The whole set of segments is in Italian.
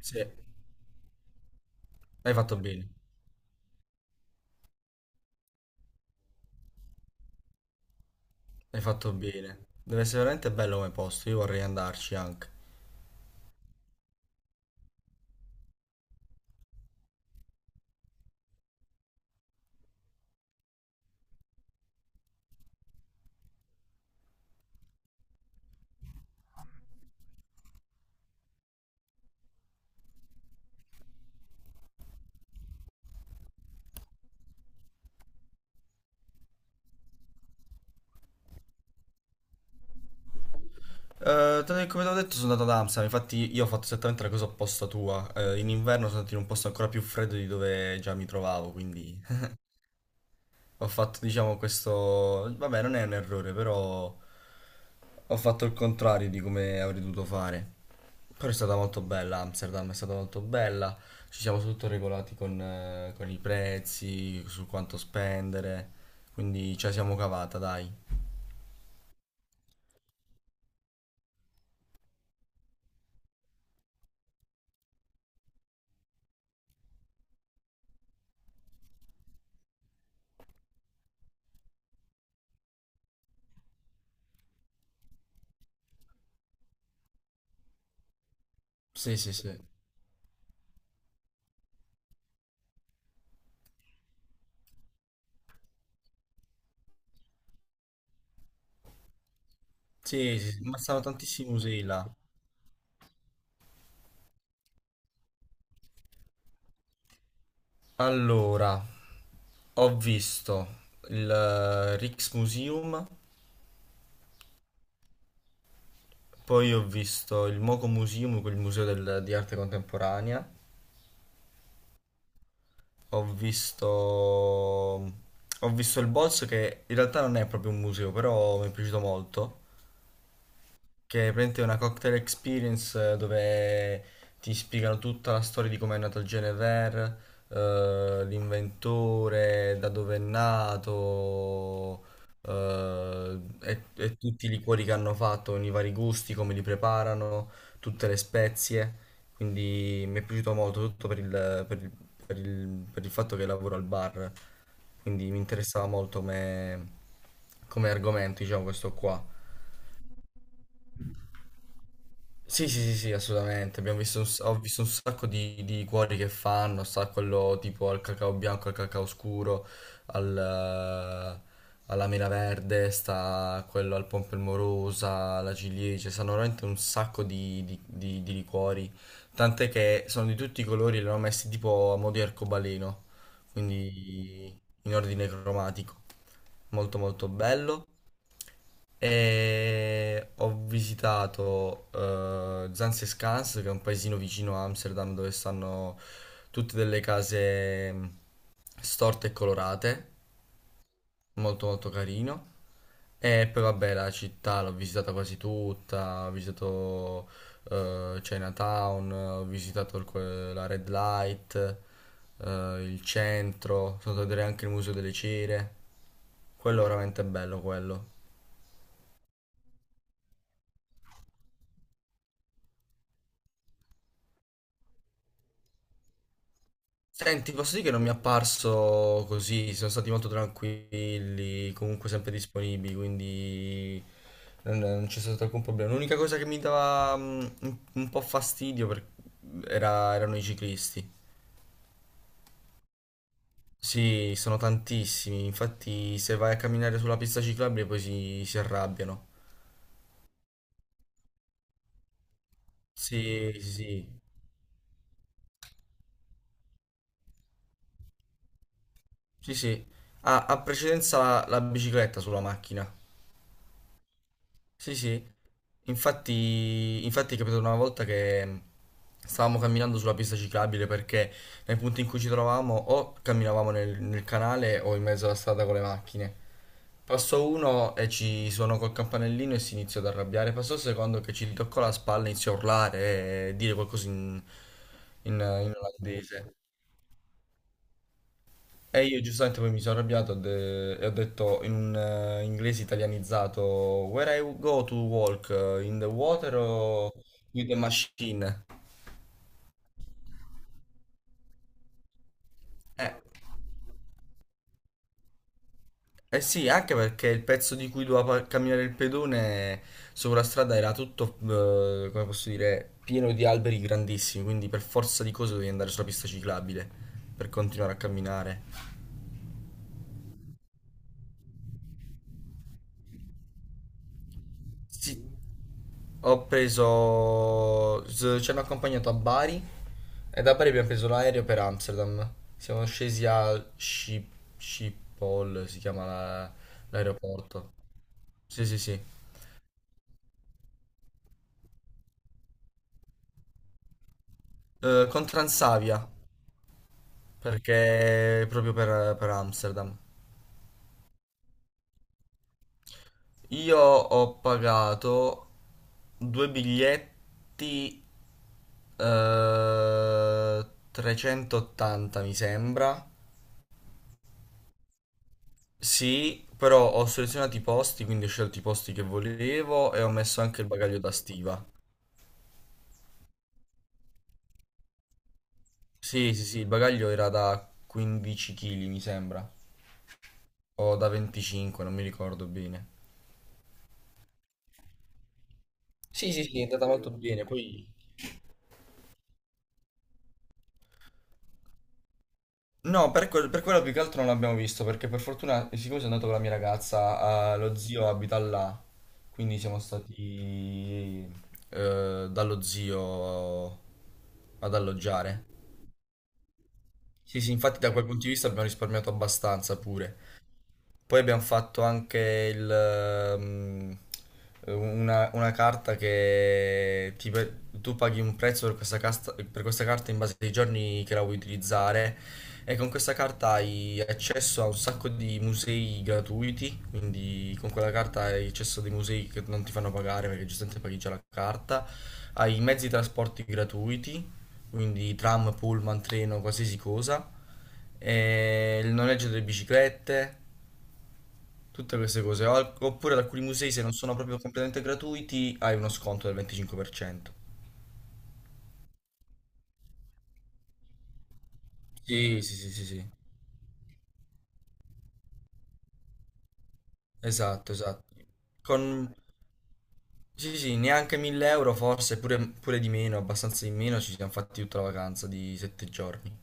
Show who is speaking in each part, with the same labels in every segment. Speaker 1: Sì, hai fatto bene, hai fatto bene. Deve essere veramente bello come posto, io vorrei andarci anche. Come ti ho detto sono andato ad Amsterdam, infatti io ho fatto esattamente la cosa opposta tua. In inverno sono andato in un posto ancora più freddo di dove già mi trovavo, quindi ho fatto, diciamo, questo. Vabbè, non è un errore, però ho fatto il contrario di come avrei dovuto fare. Però è stata molto bella, Amsterdam è stata molto bella. Ci siamo tutto regolati con i prezzi, su quanto spendere. Quindi ce la siamo cavata, dai. Sì, sì, sì. Sì, sì, sì, ma stanno tantissimi musei là. Allora, ho visto il Rijksmuseum, poi ho visto il Moco Museum, quel museo di arte contemporanea. Ho visto... Ho visto il boss che in realtà non è proprio un museo, però mi è piaciuto molto. Che è praticamente una cocktail experience dove ti spiegano tutta la storia di come è nato il Genever, l'inventore, da dove è nato, e tutti i liquori che hanno fatto, i vari gusti, come li preparano, tutte le spezie. Quindi mi è piaciuto molto, tutto per il fatto che lavoro al bar. Quindi mi interessava molto come argomento, diciamo, questo qua. Sì, sì, sì, sì, assolutamente. Abbiamo visto un s- Ho visto un sacco di cuori che fanno, sta quello tipo al cacao bianco, al cacao scuro, al, eh, alla mela verde, sta quello al pompelmorosa, alla ciliegia, stanno veramente un sacco di liquori. Tant'è che sono di tutti i colori, li hanno messi tipo a mo' di arcobaleno, quindi in ordine cromatico. Molto molto bello. E ho visitato Zans e Scans, che è un paesino vicino a Amsterdam dove stanno tutte delle case storte e colorate, molto molto carino. E poi vabbè la città l'ho visitata quasi tutta, ho visitato Chinatown, ho visitato la Red Light, il centro, sono andato a vedere anche il Museo delle Cere. Quello è veramente bello quello. Senti, posso dire che non mi è apparso così, sono stati molto tranquilli, comunque sempre disponibili, quindi non c'è stato alcun problema. L'unica cosa che mi dava un po' fastidio erano i ciclisti. Sì, sono tantissimi, infatti se vai a camminare sulla pista ciclabile poi si arrabbiano. Sì, sì, sì, sì, sì. Ah, ha precedenza la bicicletta sulla macchina. Sì, sì, infatti è capitato una volta che stavamo camminando sulla pista ciclabile perché nei punti in cui ci trovavamo o camminavamo nel canale o in mezzo alla strada con le macchine. Passò uno e ci suonò col campanellino e si iniziò ad arrabbiare. Passò il secondo che ci toccò la spalla e iniziò a urlare e dire qualcosa in, in, in, olandese. E io giustamente poi mi sono arrabbiato, e ho detto in un inglese italianizzato: "Where I go to walk? In the water o with the machine?" Eh, eh sì, anche perché il pezzo di cui doveva camminare il pedone sopra la strada era tutto, come posso dire, pieno di alberi grandissimi, quindi per forza di cose dovevi andare sulla pista ciclabile per continuare a camminare. Sì. Ho preso. Ci hanno accompagnato a Bari e da Bari abbiamo preso l'aereo per Amsterdam. Siamo scesi a Schiphol, si chiama l'aeroporto. Sì, sì, sì. Con Transavia, perché proprio per Amsterdam. Io ho pagato due biglietti eh, 380, mi sembra. Sì, però ho selezionato i posti, quindi ho scelto i posti che volevo e ho messo anche il bagaglio da stiva. Sì, sì, sì, il bagaglio era da 15 kg, mi sembra, o da 25, non mi ricordo bene. Sì, sì, sì, è andata molto bene, poi. No, per quello più che altro non l'abbiamo visto, perché per fortuna, siccome sono andato con la mia ragazza, lo zio abita là, quindi siamo stati dallo zio ad alloggiare. Sì, sì, infatti da quel punto di vista abbiamo risparmiato abbastanza pure. Poi abbiamo fatto anche una carta che tu paghi un prezzo per questa carta in base ai giorni che la vuoi utilizzare, e con questa carta hai accesso a un sacco di musei gratuiti, quindi con quella carta hai accesso a dei musei che non ti fanno pagare perché giustamente paghi già la carta, hai i mezzi di trasporti gratuiti, quindi tram, pullman, treno, qualsiasi cosa, e il noleggio delle biciclette. Tutte queste cose. Oppure ad alcuni musei, se non sono proprio completamente gratuiti, hai uno sconto del 25%. Sì, sì, sì, sì, sì. Esatto, esatto. Con, sì, sì, neanche 1000 euro forse, pure, pure di meno, abbastanza di meno, ci siamo fatti tutta la vacanza di 7 giorni.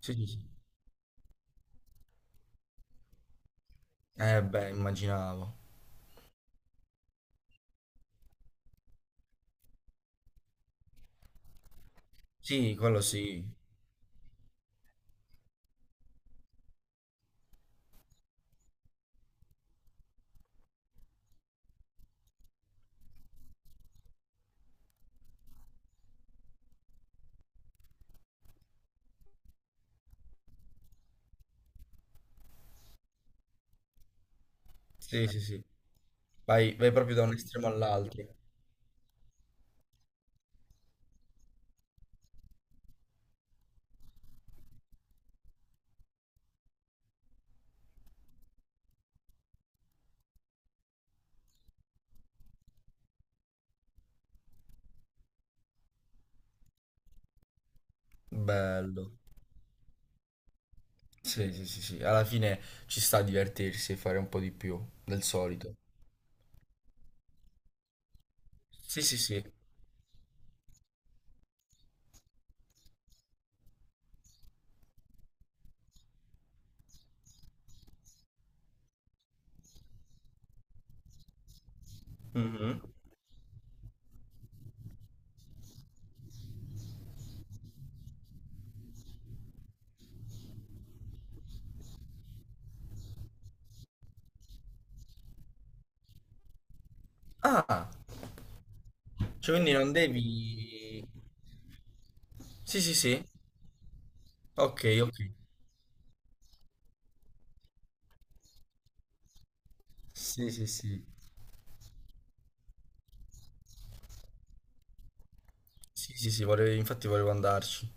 Speaker 1: Sì, sì, sì. Eh beh, immaginavo. Sì, quello sì. Sì, sì, sì. Vai, vai proprio da un estremo all'altro. Bello. Sì, sì, sì, sì. Alla fine ci sta a divertirsi e fare un po' di più del solito. Sì, sì, sì. Mhm. Ah, cioè quindi non devi. Sì, sì, sì. Ok, ok. Sì, sì, sì, Sì, sì, sì, infatti volevo andarci.